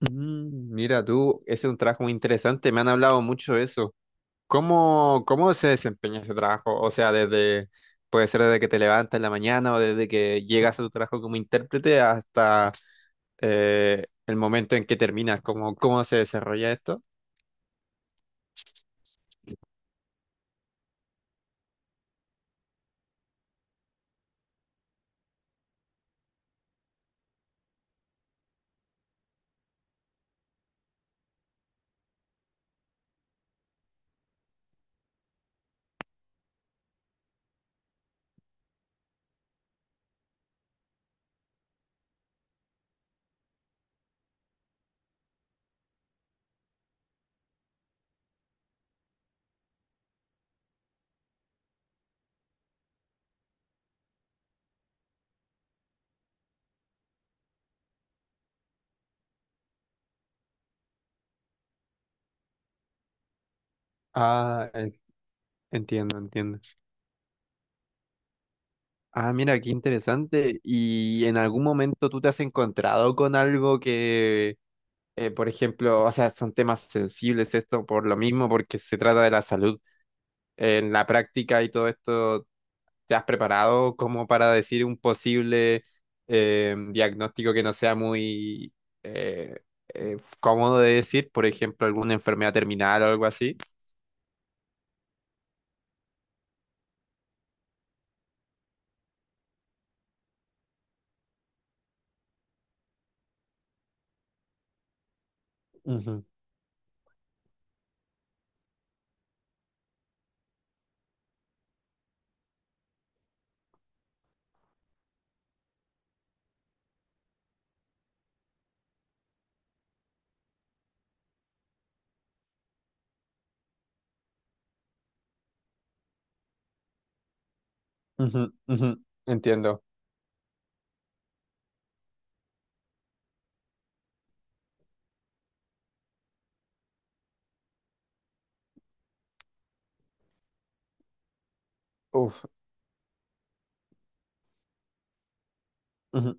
Mm, mira tú, ese es un trabajo muy interesante, me han hablado mucho de eso. ¿Cómo se desempeña ese trabajo? O sea, desde, puede ser desde que te levantas en la mañana o desde que llegas a tu trabajo como intérprete hasta el momento en que terminas, ¿cómo se desarrolla esto? Ah, en- Entiendo, entiendo. Ah, mira, qué interesante. ¿Y en algún momento tú te has encontrado con algo que, por ejemplo, o sea, son temas sensibles esto por lo mismo, porque se trata de la salud? En la práctica y todo esto, ¿te has preparado como para decir un posible diagnóstico que no sea muy eh, cómodo de decir? Por ejemplo, alguna enfermedad terminal o algo así. Ujú, ujú, ujú, entiendo. Uf, ujú.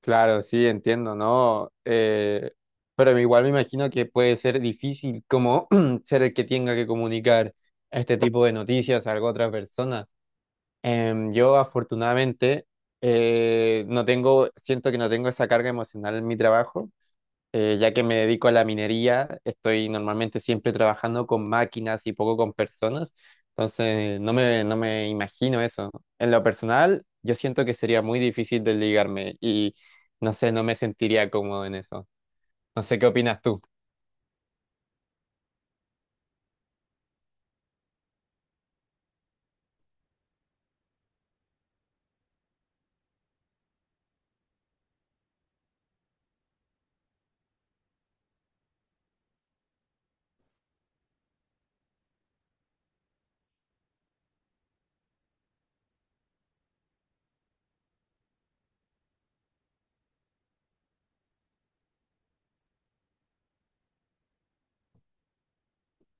Claro, sí, entiendo, ¿no? Pero igual me imagino que puede ser difícil como ser el que tenga que comunicar este tipo de noticias a alguna otra persona. Yo afortunadamente no tengo, siento que no tengo esa carga emocional en mi trabajo, ya que me dedico a la minería, estoy normalmente siempre trabajando con máquinas y poco con personas, entonces no me imagino eso. En lo personal, yo siento que sería muy difícil desligarme y no sé, no me sentiría cómodo en eso. No sé qué opinas tú.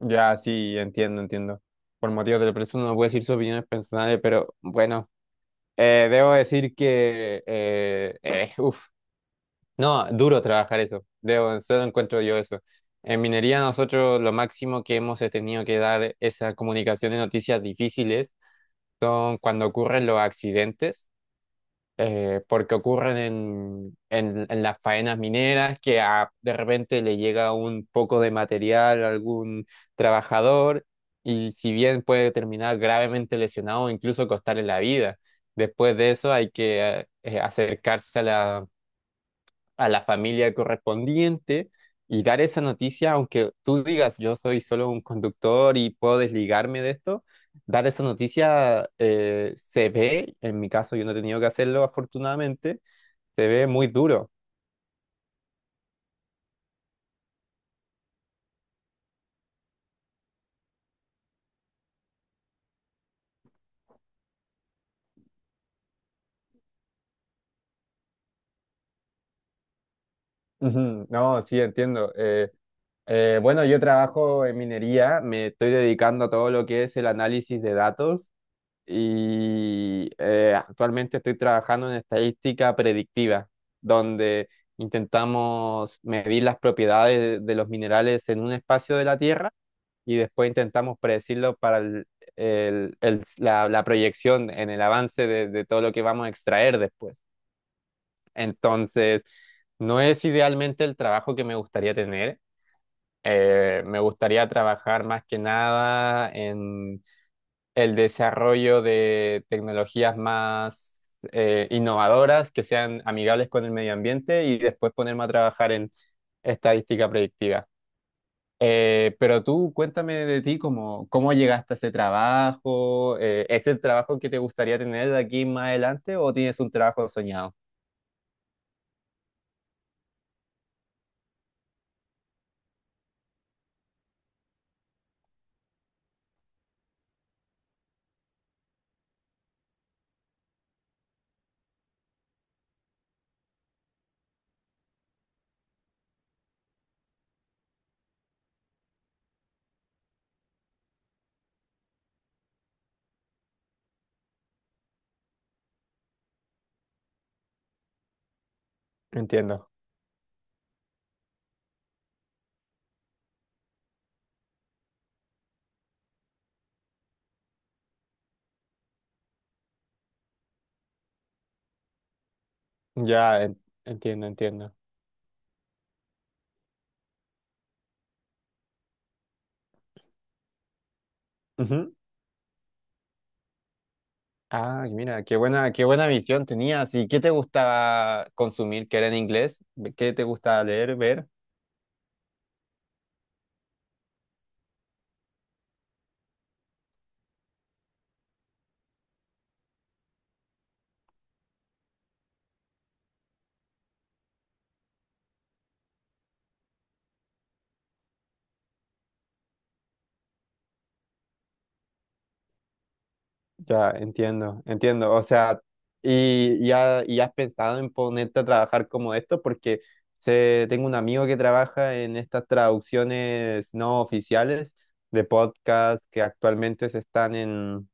Ya, sí, entiendo, entiendo. Por motivos de la persona no puedo decir sus opiniones personales, pero bueno. Debo decir que, uf, no, duro trabajar eso. Debo, solo encuentro yo eso. En minería nosotros lo máximo que hemos tenido que dar esa comunicación de noticias difíciles son cuando ocurren los accidentes porque ocurren en las faenas mineras, que de repente le llega un poco de material a algún trabajador y si bien puede terminar gravemente lesionado o incluso costarle la vida, después de eso hay que acercarse a la familia correspondiente y dar esa noticia, aunque tú digas yo soy solo un conductor y puedo desligarme de esto, dar esa noticia se ve, en mi caso yo no he tenido que hacerlo afortunadamente, se ve muy duro. Ujú, no, sí, entiendo. Bueno, yo trabajo en minería, me estoy dedicando a todo lo que es el análisis de datos y actualmente estoy trabajando en estadística predictiva, donde intentamos medir las propiedades de los minerales en un espacio de la Tierra y después intentamos predecirlo para la proyección en el avance de todo lo que vamos a extraer después. Entonces, no es idealmente el trabajo que me gustaría tener. Me gustaría trabajar más que nada el desarrollo de tecnologías más innovadoras que sean amigables con el medio ambiente y después ponerme a trabajar en estadística predictiva. Pero tú cuéntame de ti, cómo llegaste a ese trabajo, ¿es el trabajo que te gustaría tener de aquí más adelante o tienes un trabajo soñado? Entiendo, entiendo, entiendo. Ujú. Ah, y mira, qué buena visión tenías. ¿Y qué te gustaba consumir que era en inglés? ¿Qué te gustaba leer, ver? Ya, entiendo, entiendo. O sea, y has pensado en ponerte a trabajar como esto, porque sé, tengo un amigo que trabaja en estas traducciones no oficiales de podcast que actualmente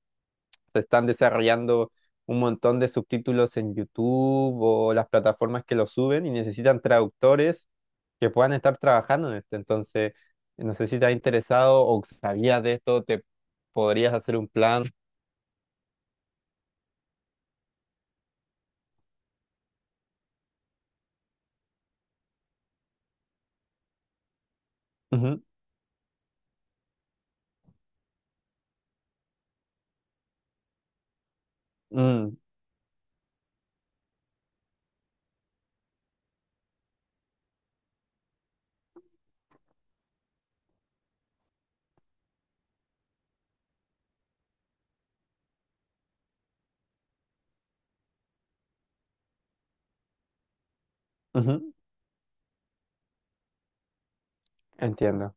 se están desarrollando un montón de subtítulos en YouTube o las plataformas que los suben y necesitan traductores que puedan estar trabajando en esto. Entonces, no sé si te ha interesado o sabías de esto, te podrías hacer un plan. Mm, ujú, entiendo.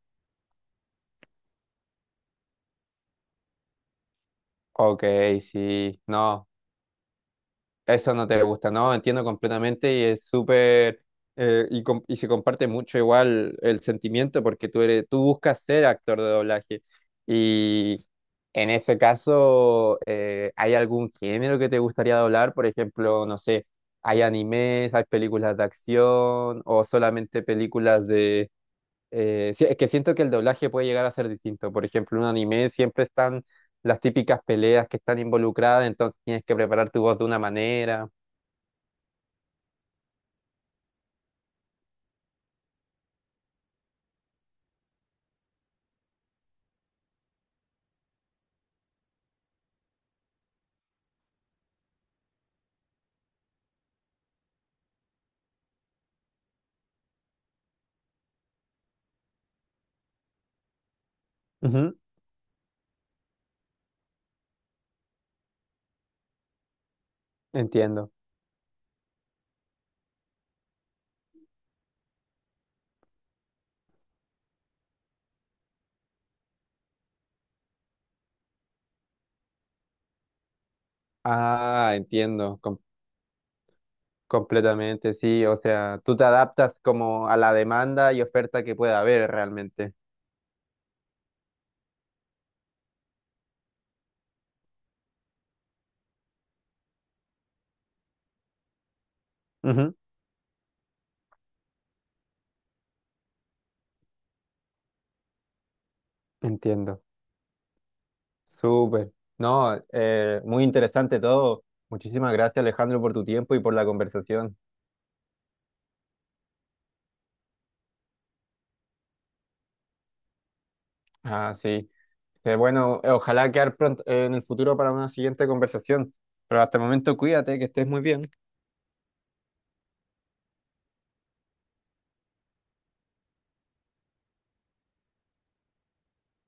Ok, sí, no, eso no te gusta, no, entiendo completamente y es súper, y se comparte mucho igual el sentimiento porque tú eres, tú buscas ser actor de doblaje y en ese caso, ¿hay algún género que te gustaría doblar? Por ejemplo, no sé, ¿hay animes, hay películas de acción o solamente películas? Sí, es que siento que el doblaje puede llegar a ser distinto. Por ejemplo, en un anime siempre están las típicas peleas que están involucradas, entonces tienes que preparar tu voz de una manera. Ujú, entiendo. Ah, entiendo, completamente, sí. O sea, tú te adaptas como a la demanda y oferta que pueda haber realmente. Ujú, entiendo. Súper. No, muy interesante todo. Muchísimas gracias, Alejandro, por tu tiempo y por la conversación. Ah, sí. Que bueno, ojalá quedar pronto, en el futuro para una siguiente conversación. Pero hasta el momento, cuídate, que estés muy bien.